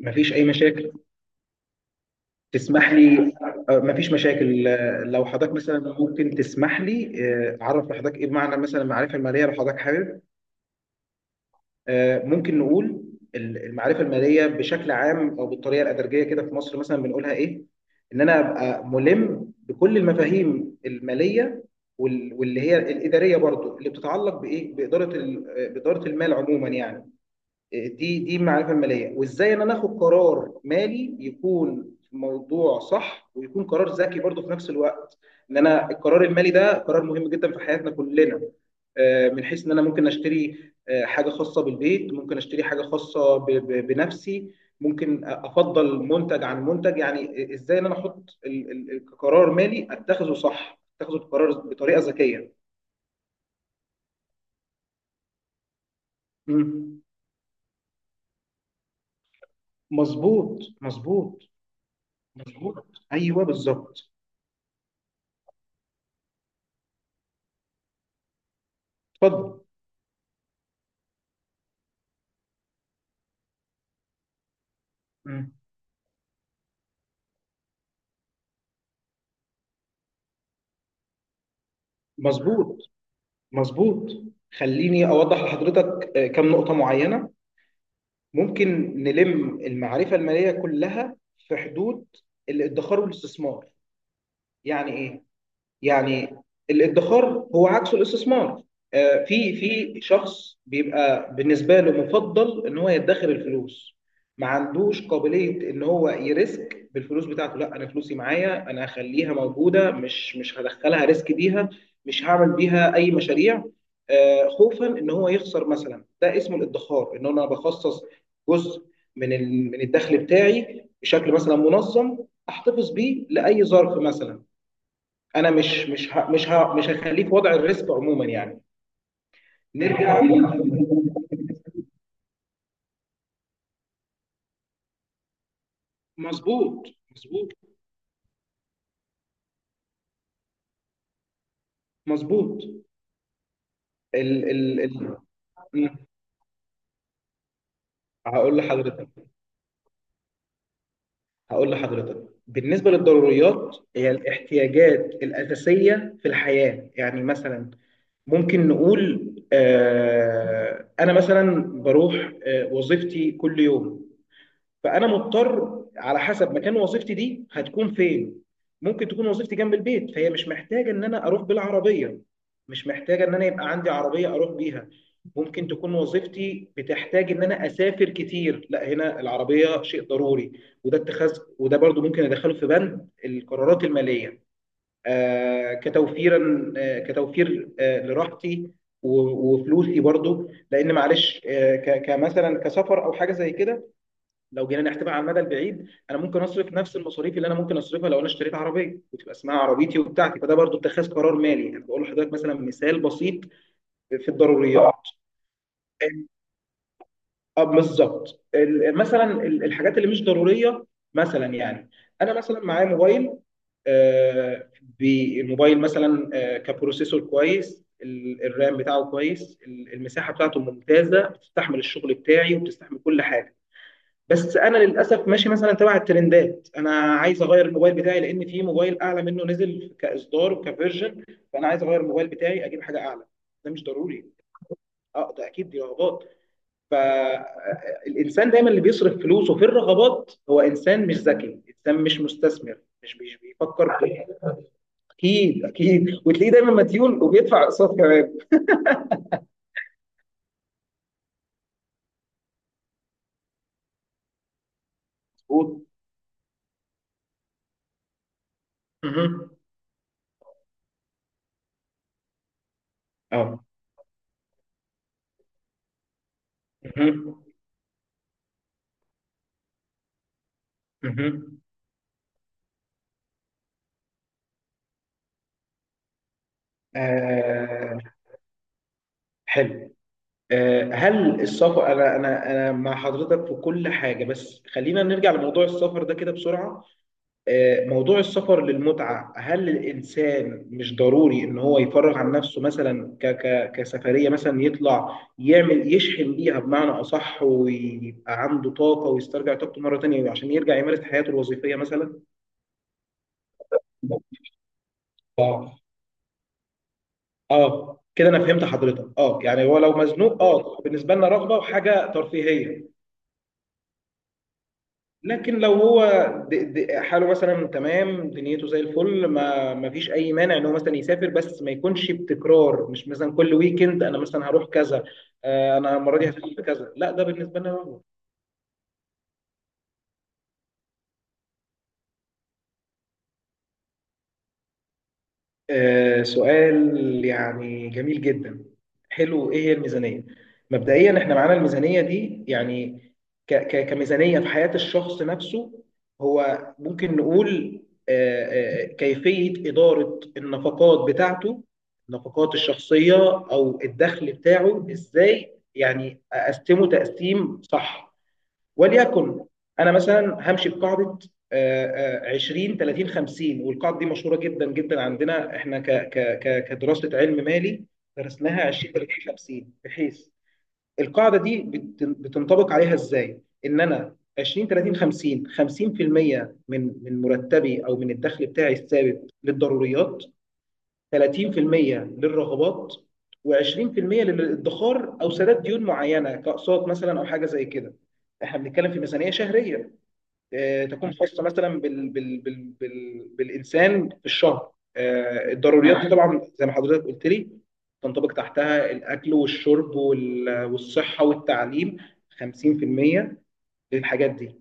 مفيش أي مشاكل. تسمح لي. مفيش مشاكل. لو حضرتك مثلا ممكن تسمح لي. أعرف لحضرتك إيه معنى مثلا المعرفة المالية لو حضرتك حابب. ممكن نقول المعرفة المالية بشكل عام أو بالطريقة الأدرجية كده في مصر مثلا بنقولها إيه؟ إن أنا أبقى ملم بكل المفاهيم المالية، واللي هي الإدارية برضو اللي بتتعلق بإيه؟ بإدارة ال- آه، بإدارة المال عموما يعني. دي دي المعرفه الماليه، وازاي ان انا اخد قرار مالي يكون في موضوع صح ويكون قرار ذكي برضه في نفس الوقت. ان انا القرار المالي ده قرار مهم جدا في حياتنا كلنا. من حيث ان انا ممكن اشتري حاجه خاصه بالبيت، ممكن اشتري حاجه خاصه بنفسي، ممكن افضل منتج عن منتج. يعني ازاي ان انا احط كقرار مالي اتخذه صح، اتخذه بقرار بطريقه ذكيه. مم. مظبوط، مظبوط. مظبوط. ايوه، بالظبط. اتفضل. مم. مظبوط، مظبوط. خليني اوضح لحضرتك كم نقطه معينه. ممكن نلم المعرفه الماليه كلها في حدود الادخار والاستثمار. يعني ايه؟ يعني الادخار هو عكس الاستثمار. في شخص بيبقى بالنسبه له مفضل ان هو يدخر الفلوس، ما عندوش قابليه ان هو يريسك بالفلوس بتاعته. لا، انا فلوسي معايا، انا هخليها موجوده، مش هدخلها ريسك بيها، مش هعمل بيها اي مشاريع، خوفا ان هو يخسر مثلا. ده اسمه الادخار، ان انا بخصص جزء من الدخل بتاعي بشكل مثلا منظم، احتفظ بيه لاي ظرف مثلا. انا مش هخليه في وضع الريسك عموما يعني. نرجع. مظبوط، مظبوط، مظبوط. ال ال ال مم. هقول لحضرتك هقول لحضرتك بالنسبة للضروريات، هي الاحتياجات الأساسية في الحياة، يعني مثلا، ممكن نقول. أنا مثلا بروح وظيفتي كل يوم، فانا مضطر على حسب مكان وظيفتي دي هتكون فين. ممكن تكون وظيفتي جنب البيت، فهي مش محتاجه ان انا اروح بالعربيه، مش محتاجه ان انا يبقى عندي عربيه اروح بيها. ممكن تكون وظيفتي بتحتاج ان انا اسافر كتير، لا هنا العربيه شيء ضروري، وده اتخاذ وده برضو ممكن ادخله في بند القرارات الماليه، كتوفير لراحتي و- وفلوسي برضو، لان معلش كمثلا كسفر او حاجه زي كده. لو جينا نحسبها على المدى البعيد، انا ممكن اصرف نفس المصاريف اللي انا ممكن اصرفها لو انا اشتريت عربيه وتبقى اسمها عربيتي وبتاعتي، فده برضو اتخاذ قرار مالي. انا بقول لحضرتك مثلا مثال بسيط في الضروريات. اه، بالظبط، الحاجات اللي مش ضروريه مثلا يعني، انا مثلا معايا موبايل. آه، بالموبايل مثلا كبروسيسور كويس، الرام بتاعه كويس، المساحه بتاعته ممتازه، بتستحمل الشغل بتاعي وبتستحمل كل حاجه، بس انا للاسف ماشي مثلا تبع الترندات. انا عايز اغير الموبايل بتاعي لان في موبايل اعلى منه نزل كاصدار وكفيرجن، فانا عايز اغير الموبايل بتاعي، اجيب حاجه اعلى. ده مش ضروري، اه، ده اكيد دي رغبات. فالانسان دايما اللي بيصرف فلوسه في الرغبات هو انسان مش ذكي، انسان مش مستثمر، مش بيفكر. اكيد، اكيد، وتلاقيه دايما مديون وبيدفع اقساط كمان. مظبوط. مهم. اه. مهم. مهم. آه، حلو. هل السفر انا انا انا مع حضرتك في كل حاجه، بس خلينا نرجع لموضوع السفر ده كده بسرعه. موضوع السفر للمتعه، هل الانسان مش ضروري ان هو يفرغ عن نفسه مثلا ك ك كسفريه مثلا يطلع يعمل، يشحن بيها بمعنى اصح، ويبقى عنده طاقه ويسترجع طاقته مره تانية عشان يرجع يمارس حياته الوظيفيه مثلا؟ اه. اه، كده انا فهمت حضرتك. اه، يعني هو لو مزنوق، اه، بالنسبه لنا رغبه وحاجه ترفيهيه. لكن لو هو حاله مثلا تمام، دنيته زي الفل، ما فيش اي مانع ان هو مثلا يسافر، بس ما يكونش بتكرار مش مثلا كل ويكند انا مثلا هروح كذا. انا المره دي هسافر كذا، لا ده بالنسبه لنا. سؤال يعني جميل جدا. حلو، ايه هي الميزانية. مبدئيا احنا معانا الميزانية دي يعني ك ك كميزانية في حياة الشخص نفسه، هو ممكن نقول آه، كيفية إدارة النفقات بتاعته، النفقات الشخصية، او الدخل بتاعه ازاي يعني اقسمه تقسيم صح. وليكن انا مثلا همشي بقاعده آه، 20 30 50. والقاعده دي مشهوره جدا جدا عندنا احنا ك ك ك كدراسه علم مالي درسناها، 20 30 50، بحيث القاعده دي بتنطبق عليها ازاي؟ ان انا 20 30 50، 50% من مرتبي او من الدخل بتاعي الثابت للضروريات، 30% للرغبات، و20% للادخار او سداد ديون معينه كاقساط مثلا او حاجه زي كده. احنا بنتكلم في ميزانيه شهريه، تكون خاصه مثلا بالانسان في الشهر. الضروريات دي طبعا زي ما حضرتك قلت لي، تنطبق تحتها الاكل والشرب والصحه والتعليم. 50% للحاجات دي،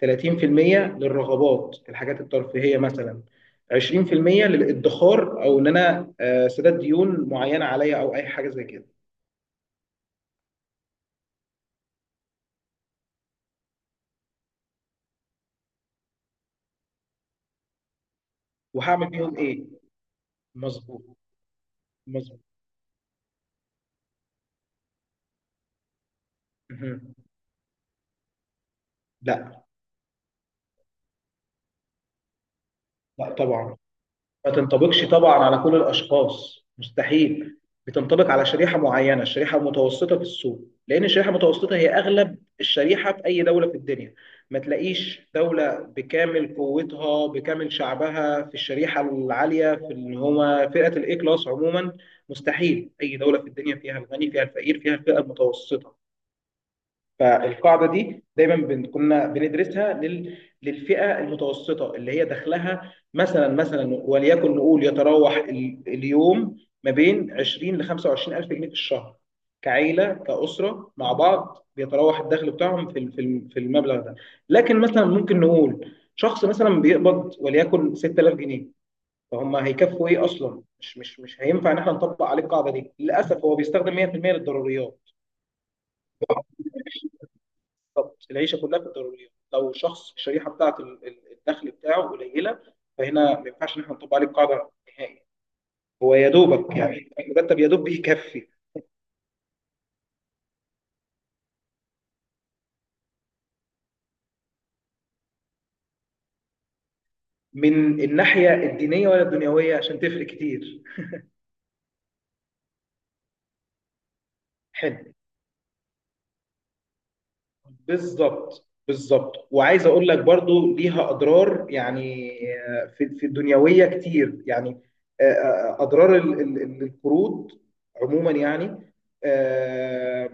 30% للرغبات الحاجات الترفيهيه مثلا، 20% للادخار او ان انا سداد ديون معينه عليا او اي حاجه زي كده. وهعمل بيهم ايه. مظبوط، مظبوط. مهم. لا، لا طبعا، ما تنطبقش طبعا على كل الاشخاص مستحيل. بتنطبق على شريحه معينه، الشريحه المتوسطه في السوق، لان الشريحه المتوسطه هي اغلب الشريحه في اي دوله في الدنيا. ما تلاقيش دوله بكامل قوتها بكامل شعبها في الشريحه العاليه في اللي هو فئه الاي كلاس عموما. مستحيل، اي دوله في الدنيا فيها الغني فيها الفقير فيها الفئه المتوسطه. فالقاعده دي دايما كنا بندرسها للفئه المتوسطه، اللي هي دخلها مثلا وليكن نقول يتراوح اليوم ما بين 20 ل 25 الف جنيه في الشهر. كعيله كاسره مع بعض بيتراوح الدخل بتاعهم في المبلغ ده. لكن مثلا ممكن نقول شخص مثلا بيقبض وليكن 6000 جنيه، فهم هيكفوا ايه اصلا؟ مش هينفع ان احنا نطبق عليه القاعده دي، للاسف هو بيستخدم 100% للضروريات. بالظبط، العيشه كلها في الضروريات. لو شخص الشريحه بتاعت الدخل بتاعه قليله، فهنا ما ينفعش ان احنا نطبق عليه القاعده نهائي. هو يا دوبك يعني المرتب يا دوب بيكفي. من الناحيه الدينيه ولا الدنيويه؟ عشان تفرق كتير. حلو. بالظبط، بالظبط، وعايز اقول لك برضو ليها اضرار يعني. في الدنيويه كتير يعني. اضرار القروض عموما يعني. آه،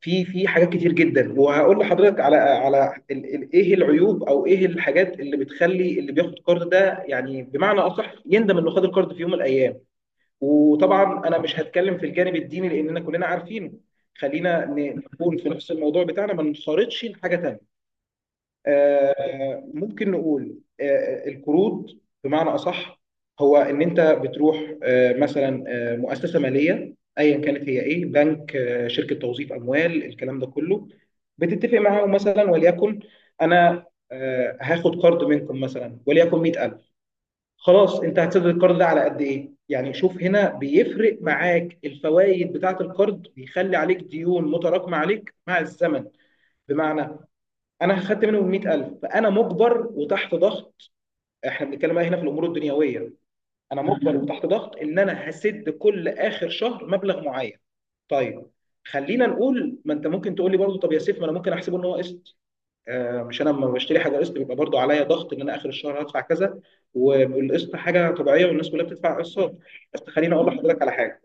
في حاجات كتير جدا. وهقول لحضرتك على ايه العيوب او ايه الحاجات اللي بتخلي اللي بياخد قرض ده، يعني بمعنى اصح يندم انه خد القرض في يوم من الايام. وطبعا انا مش هتكلم في الجانب الديني لاننا كلنا عارفينه. خلينا نكون في نفس الموضوع بتاعنا، ما نخرطش لحاجه تانيه. ممكن نقول القروض بمعنى اصح، هو ان انت بتروح آه، مثلا آه، مؤسسه ماليه ايا كانت، هي ايه، بنك، شركه توظيف اموال، الكلام ده كله. بتتفق معاهم مثلا وليكن انا هاخد قرض منكم مثلا وليكن 100000. خلاص انت هتسدد القرض ده على قد ايه يعني. شوف هنا بيفرق معاك الفوائد بتاعه القرض، بيخلي عليك ديون متراكمه عليك مع الزمن. بمعنى انا خدت منهم 100000، فانا مجبر وتحت ضغط. احنا بنتكلم بقى هنا في الامور الدنيويه. انا مجبر وتحت ضغط ان انا هسد كل اخر شهر مبلغ معين. طيب خلينا نقول، ما انت ممكن تقول لي برضه طب يا سيف، ما انا ممكن احسبه ان هو قسط. مش انا لما بشتري حاجه قسط بيبقى برضو عليا ضغط ان انا اخر الشهر هدفع كذا، والقسط حاجه طبيعيه والناس كلها بتدفع قسط. بس خليني اقول لحضرتك على حاجه،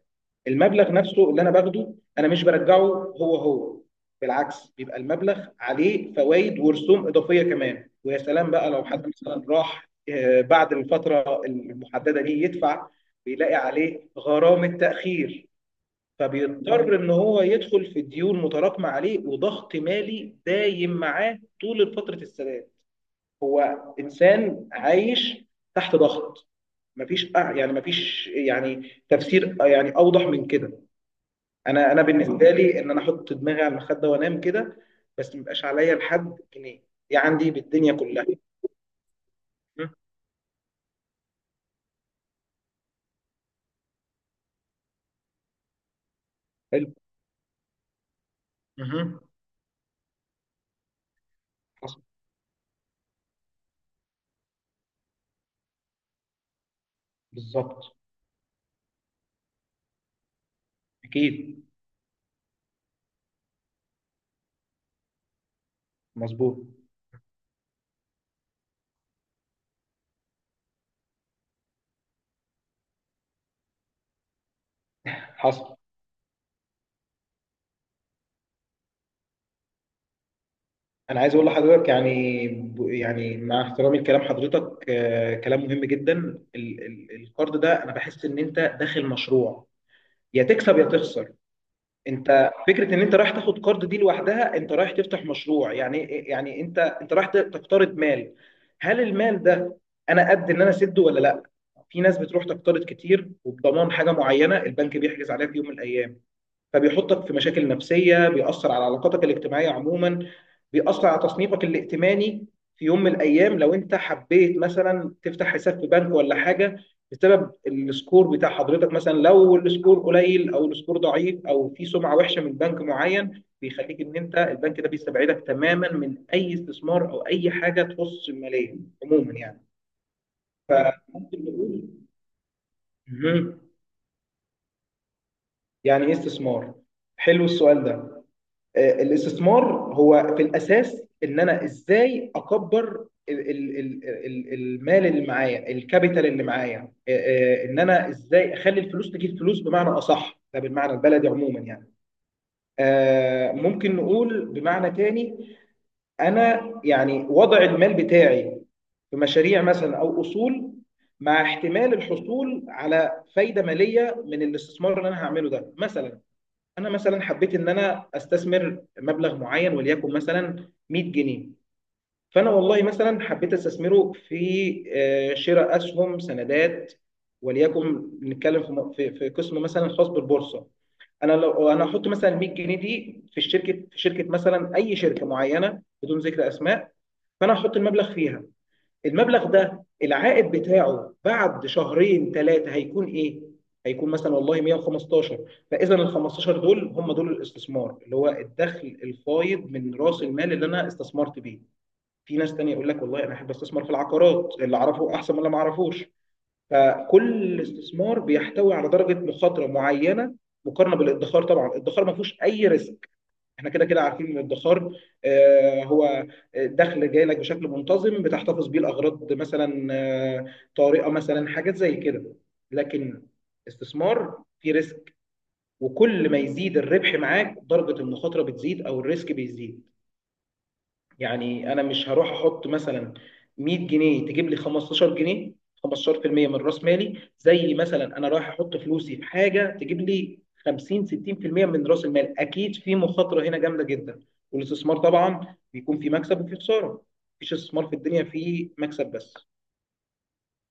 المبلغ نفسه اللي انا باخده انا مش برجعه. هو بالعكس بيبقى المبلغ عليه فوائد ورسوم اضافيه كمان. ويا سلام بقى لو حد مثلا راح بعد الفتره المحدده دي يدفع، بيلاقي عليه غرامه تاخير. فبيضطر ان هو يدخل في ديون متراكمه عليه، وضغط مالي دايم معاه طول فتره السداد، انسان عايش تحت ضغط. مفيش يعني تفسير يعني اوضح من كده. انا بالنسبه لي، ان انا احط دماغي على المخده وانام كده، بس ميبقاش عليا لحد جنيه، دي عندي بالدنيا كلها. م? حلو. مهم. حصل. بالظبط. اكيد. مظبوط. حصل. انا عايز اقول لحضرتك يعني يعني مع احترامي لكلام حضرتك، كلام مهم جدا. القرض ده انا بحس ان انت داخل مشروع، يا تكسب يا تخسر. انت فكره ان انت رايح تاخد قرض دي لوحدها، انت رايح تفتح مشروع يعني إيه، يعني انت رايح تقترض مال. هل المال ده انا قد ان انا اسده ولا لا؟ في ناس بتروح تقترض كتير وبضمان حاجه معينه البنك بيحجز عليها في يوم من الايام، فبيحطك في مشاكل نفسية، بيأثر على علاقاتك الاجتماعية عموما، بيأثر على تصنيفك الائتماني. في يوم من الأيام لو أنت حبيت مثلا تفتح حساب في بنك ولا حاجة، بسبب السكور بتاع حضرتك، مثلا لو السكور قليل أو السكور ضعيف أو في سمعة وحشة من بنك معين، بيخليك إن أنت البنك ده بيستبعدك تماما من أي استثمار أو أي حاجة تخص المالية عموما يعني. فممكن نقول. مهم. يعني إيه استثمار؟ حلو السؤال ده. الاستثمار هو في الاساس ان انا ازاي اكبر المال اللي معايا، الكابيتال اللي معايا. ان انا ازاي اخلي الفلوس تجيب فلوس، بمعنى اصح ده بالمعنى البلدي عموما يعني. ممكن نقول بمعنى تاني، انا يعني وضع المال بتاعي في مشاريع مثلا او اصول، مع احتمال الحصول على فايده ماليه من الاستثمار اللي انا هعمله ده. مثلا انا مثلا حبيت ان انا استثمر مبلغ معين وليكن مثلا 100 جنيه، فانا والله مثلا حبيت استثمره في شراء اسهم سندات. وليكن نتكلم في م- في في قسم مثلا خاص بالبورصه. انا لو انا احط مثلا 100 جنيه دي في الشركه، في شركه مثلا، اي شركه معينه بدون ذكر اسماء، فانا احط المبلغ فيها، المبلغ ده العائد بتاعه بعد شهرين ثلاثه هيكون ايه؟ هيكون مثلا والله 115. فاذا ال 15 دول هم دول الاستثمار اللي هو الدخل الفايض من راس المال اللي انا استثمرت بيه. في ناس تانية يقول لك والله انا احب استثمر في العقارات، اللي اعرفه احسن من اللي ما اعرفوش. فكل استثمار بيحتوي على درجه مخاطره معينه مقارنه بالادخار طبعا. الادخار ما فيهوش اي ريسك، احنا كده كده عارفين ان الادخار هو دخل جاي لك بشكل منتظم بتحتفظ بيه الاغراض مثلا طارئه، مثلا حاجات زي كده. لكن استثمار فيه ريسك، وكل ما يزيد الربح معاك درجه المخاطره بتزيد او الريسك بيزيد. يعني انا مش هروح احط مثلا 100 جنيه تجيب لي 15 جنيه، 15% من راس مالي، زي مثلا انا رايح احط فلوسي في حاجه تجيب لي 50 60% من راس المال. اكيد في مخاطره هنا جامده جدا. والاستثمار طبعا بيكون في مكسب وفي خساره، مفيش استثمار في الدنيا فيه مكسب بس